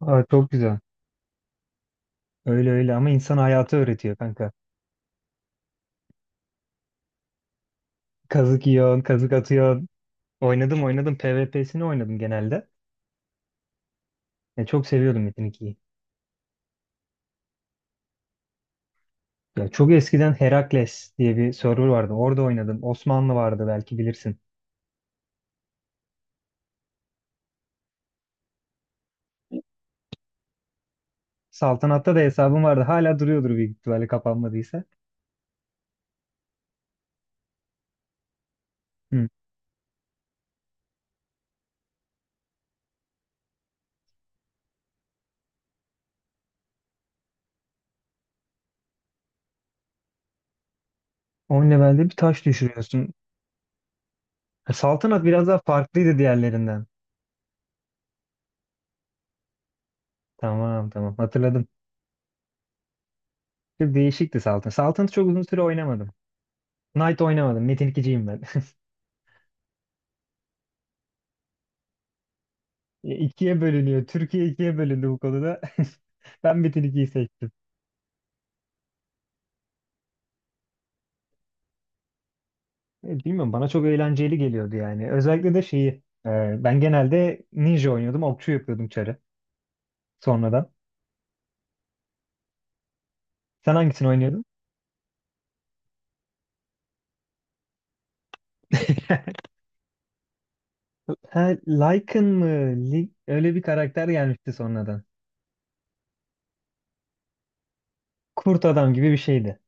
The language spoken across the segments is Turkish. Aa, çok güzel. Öyle öyle ama insan hayatı öğretiyor kanka. Kazık yiyorsun, kazık atıyorsun. Oynadım oynadım. PvP'sini oynadım genelde. Ya, çok seviyordum Metin 2'yi. Ya, çok eskiden Herakles diye bir server vardı. Orada oynadım. Osmanlı vardı belki bilirsin. Saltanat'ta da hesabım vardı. Hala duruyordur büyük ihtimalle kapanmadıysa. Hı. 10 levelde bir taş düşürüyorsun. Ha, Saltanat biraz daha farklıydı diğerlerinden. Tamam tamam hatırladım. Çok değişikti Saltanat. Saltanat'ı çok uzun süre oynamadım. Knight oynamadım. Metin 2'ciyim ben. E, ikiye bölünüyor. Türkiye ikiye bölündü bu konuda. Ben Metin 2'yi seçtim. E, bilmiyorum bana çok eğlenceli geliyordu yani. Özellikle de şeyi ben genelde ninja oynuyordum. Okçu yapıyordum çarı sonradan. Sen hangisini oynuyordun? Ha, Lycan mı? Öyle bir karakter gelmişti sonradan. Kurt adam gibi bir şeydi.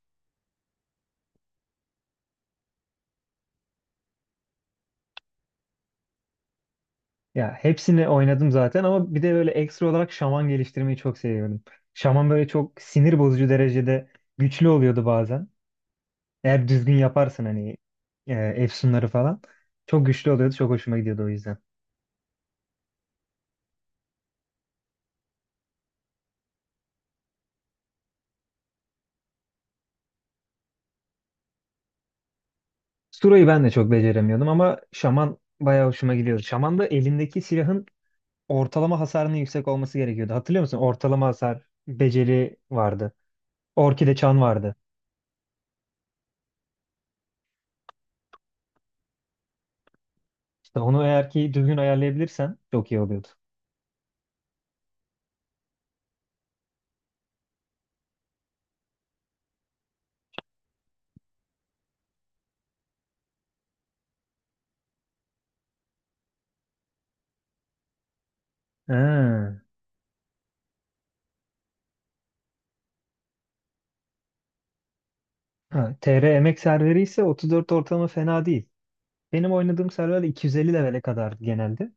Ya hepsini oynadım zaten ama bir de böyle ekstra olarak şaman geliştirmeyi çok seviyordum. Şaman böyle çok sinir bozucu derecede güçlü oluyordu bazen. Eğer düzgün yaparsın hani efsunları falan. Çok güçlü oluyordu. Çok hoşuma gidiyordu o yüzden. Sura'yı ben de çok beceremiyordum ama Şaman bayağı hoşuma gidiyordu. Şaman da elindeki silahın ortalama hasarının yüksek olması gerekiyordu. Hatırlıyor musun? Ortalama hasar beceri vardı. Orkide çan vardı. İşte onu eğer ki düzgün ayarlayabilirsen çok iyi oluyordu. Ha. Ha, TR emek serveri ise 34 ortalama fena değil. Benim oynadığım server 250 levele kadar genelde.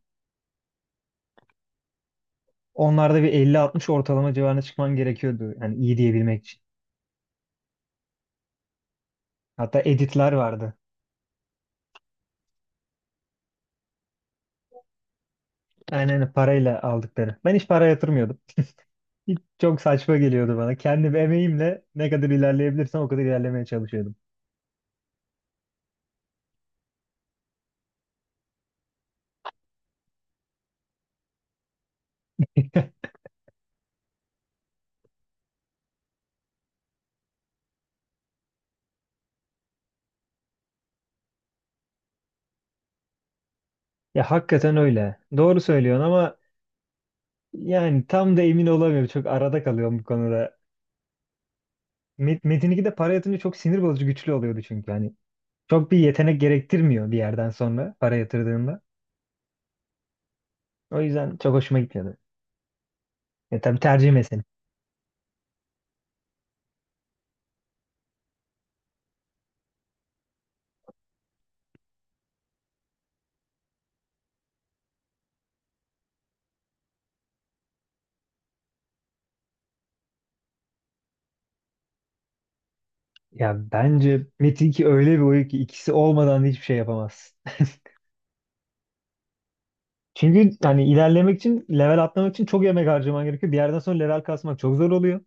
Onlarda bir 50-60 ortalama civarına çıkman gerekiyordu. Yani iyi diyebilmek için. Hatta editler vardı. Aynen öyle, parayla aldıkları. Ben hiç para yatırmıyordum. Hiç çok saçma geliyordu bana. Kendim emeğimle ne kadar ilerleyebilirsem o kadar ilerlemeye çalışıyordum. Ya hakikaten öyle. Doğru söylüyorsun ama yani tam da emin olamıyorum. Çok arada kalıyorum bu konuda. Metin 2'de para yatırınca çok sinir bozucu güçlü oluyordu çünkü. Hani çok bir yetenek gerektirmiyor bir yerden sonra para yatırdığında. O yüzden çok hoşuma gitmiyordu. Ya tabii tercih meselesi. Ya bence Metin 2 öyle bir oyun ki ikisi olmadan da hiçbir şey yapamazsın. Çünkü hani ilerlemek için, level atlamak için çok emek harcaman gerekiyor. Bir yerden sonra level kasmak çok zor oluyor.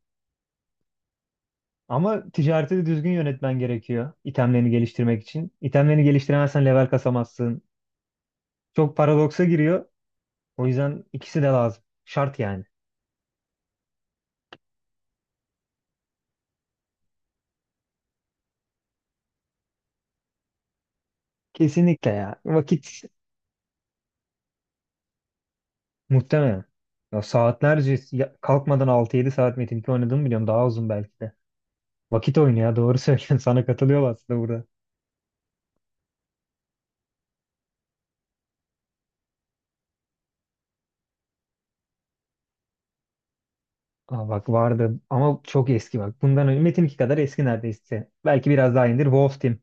Ama ticareti de düzgün yönetmen gerekiyor itemlerini geliştirmek için. İtemlerini geliştiremezsen level kasamazsın. Çok paradoksa giriyor. O yüzden ikisi de lazım. Şart yani. Kesinlikle ya. Vakit muhtemelen. Ya saatlerce kalkmadan 6-7 saat Metin 2 oynadığımı biliyorum. Daha uzun belki de. Vakit oyunu ya doğru söylüyorsun. Sana katılıyorum aslında burada. Aa, bak vardı ama çok eski bak. Bundan önce Metin 2 kadar eski neredeyse. Belki biraz daha indir. Wolf Team.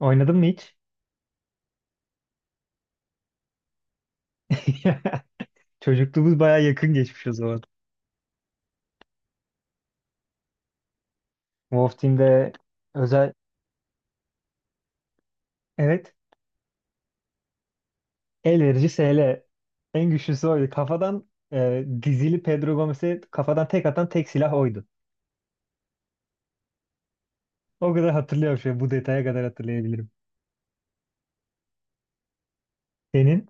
Oynadın mı hiç? Çocukluğumuz baya yakın geçmiş o zaman. Wolf Team'de özel evet el verici SL. En güçlüsü oydu. Kafadan dizili Pedro Gomez'e kafadan tek atan tek silah oydu. O kadar hatırlıyorum şu an, bu detaya kadar hatırlayabilirim. Senin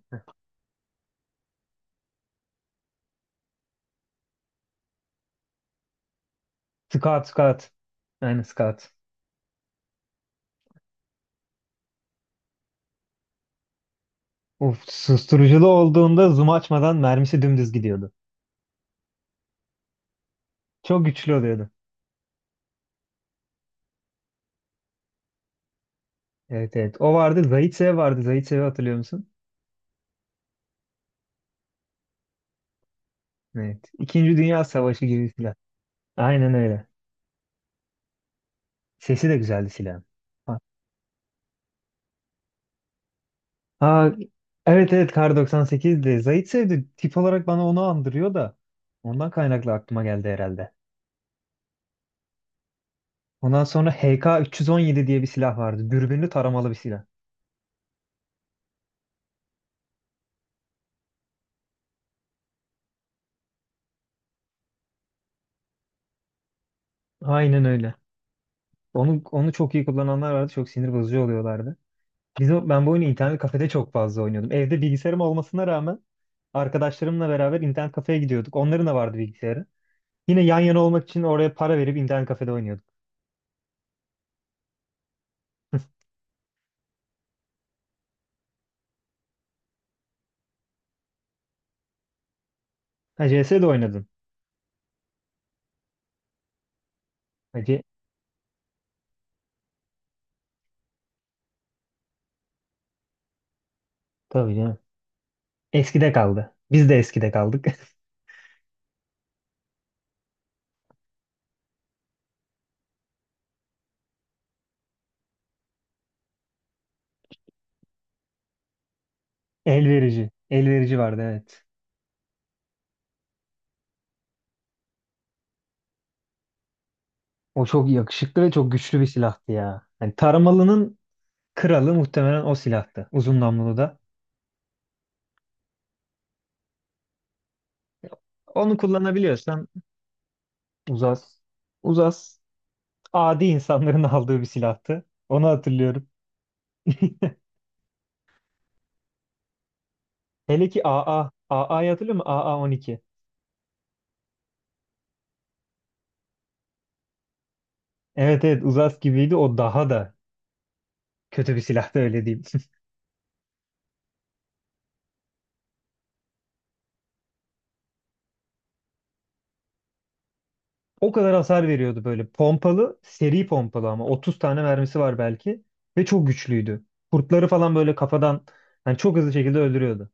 Scout Scout. Aynen Scout. Uf, susturuculu olduğunda zoom açmadan mermisi dümdüz gidiyordu. Çok güçlü oluyordu. Evet evet. O vardı. Zaitsev vardı. Zaitsev'i hatırlıyor musun? Evet. İkinci Dünya Savaşı gibi silah. Aynen öyle. Sesi de güzeldi silahın. Ha, ha, evet evet Kar 98'di. Zaitsev de tip olarak bana onu andırıyor da ondan kaynaklı aklıma geldi herhalde. Ondan sonra HK317 diye bir silah vardı. Dürbünlü taramalı bir silah. Aynen öyle. Onu çok iyi kullananlar vardı. Çok sinir bozucu oluyorlardı. Ben bu oyunu internet kafede çok fazla oynuyordum. Evde bilgisayarım olmasına rağmen arkadaşlarımla beraber internet kafeye gidiyorduk. Onların da vardı bilgisayarı. Yine yan yana olmak için oraya para verip internet kafede oynuyorduk. Ha, CS de oynadın. Ha, tabii canım. Eskide kaldı. Biz de eskide kaldık. El verici. El verici vardı evet. O çok yakışıklı ve çok güçlü bir silahtı ya. Hani taramalının kralı muhtemelen o silahtı. Uzun namlulu da. Onu kullanabiliyorsan uzas. Uzas. Adi insanların aldığı bir silahtı. Onu hatırlıyorum. Hele ki AA. AA'yı hatırlıyor musun? AA-12. Evet evet Uzas gibiydi. O daha da kötü bir silahtı öyle diyeyim. O kadar hasar veriyordu böyle. Pompalı, seri pompalı ama. 30 tane mermisi var belki. Ve çok güçlüydü. Kurtları falan böyle kafadan yani çok hızlı şekilde öldürüyordu.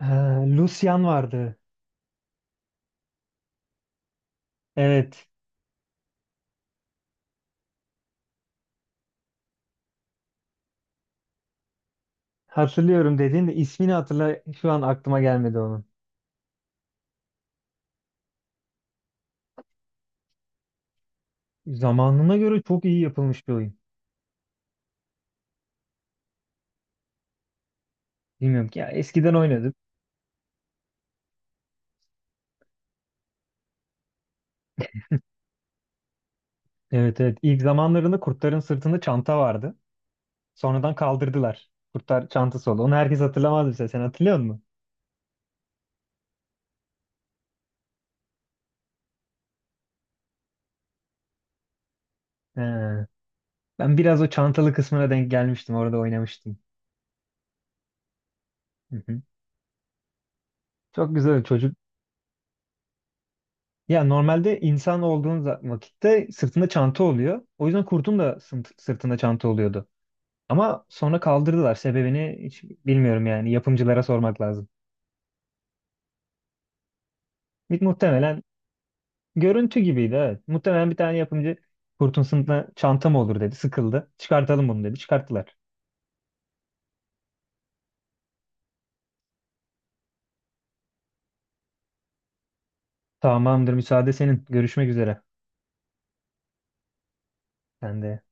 Ha, Lucian vardı. Evet. Hatırlıyorum dediğin de ismini hatırla şu an aklıma gelmedi onun. Zamanına göre çok iyi yapılmış bir oyun. Bilmiyorum ki ya eskiden oynadık. Evet evet ilk zamanlarında kurtların sırtında çanta vardı. Sonradan kaldırdılar. Kurtar çantası oldu. Onu herkes hatırlamaz mesela. Sen hatırlıyor musun? He. Ben biraz o çantalı kısmına denk gelmiştim. Orada oynamıştım. Hı hı. Çok güzel çocuk. Ya normalde insan olduğun vakitte sırtında çanta oluyor. O yüzden kurtun da sırtında çanta oluyordu. Ama sonra kaldırdılar. Sebebini hiç bilmiyorum yani. Yapımcılara sormak lazım. Muhtemelen görüntü gibiydi evet. Muhtemelen bir tane yapımcı kurtun sırtında çanta mı olur dedi. Sıkıldı. Çıkartalım bunu dedi. Çıkarttılar. Tamamdır müsaade senin. Görüşmek üzere. Sen de.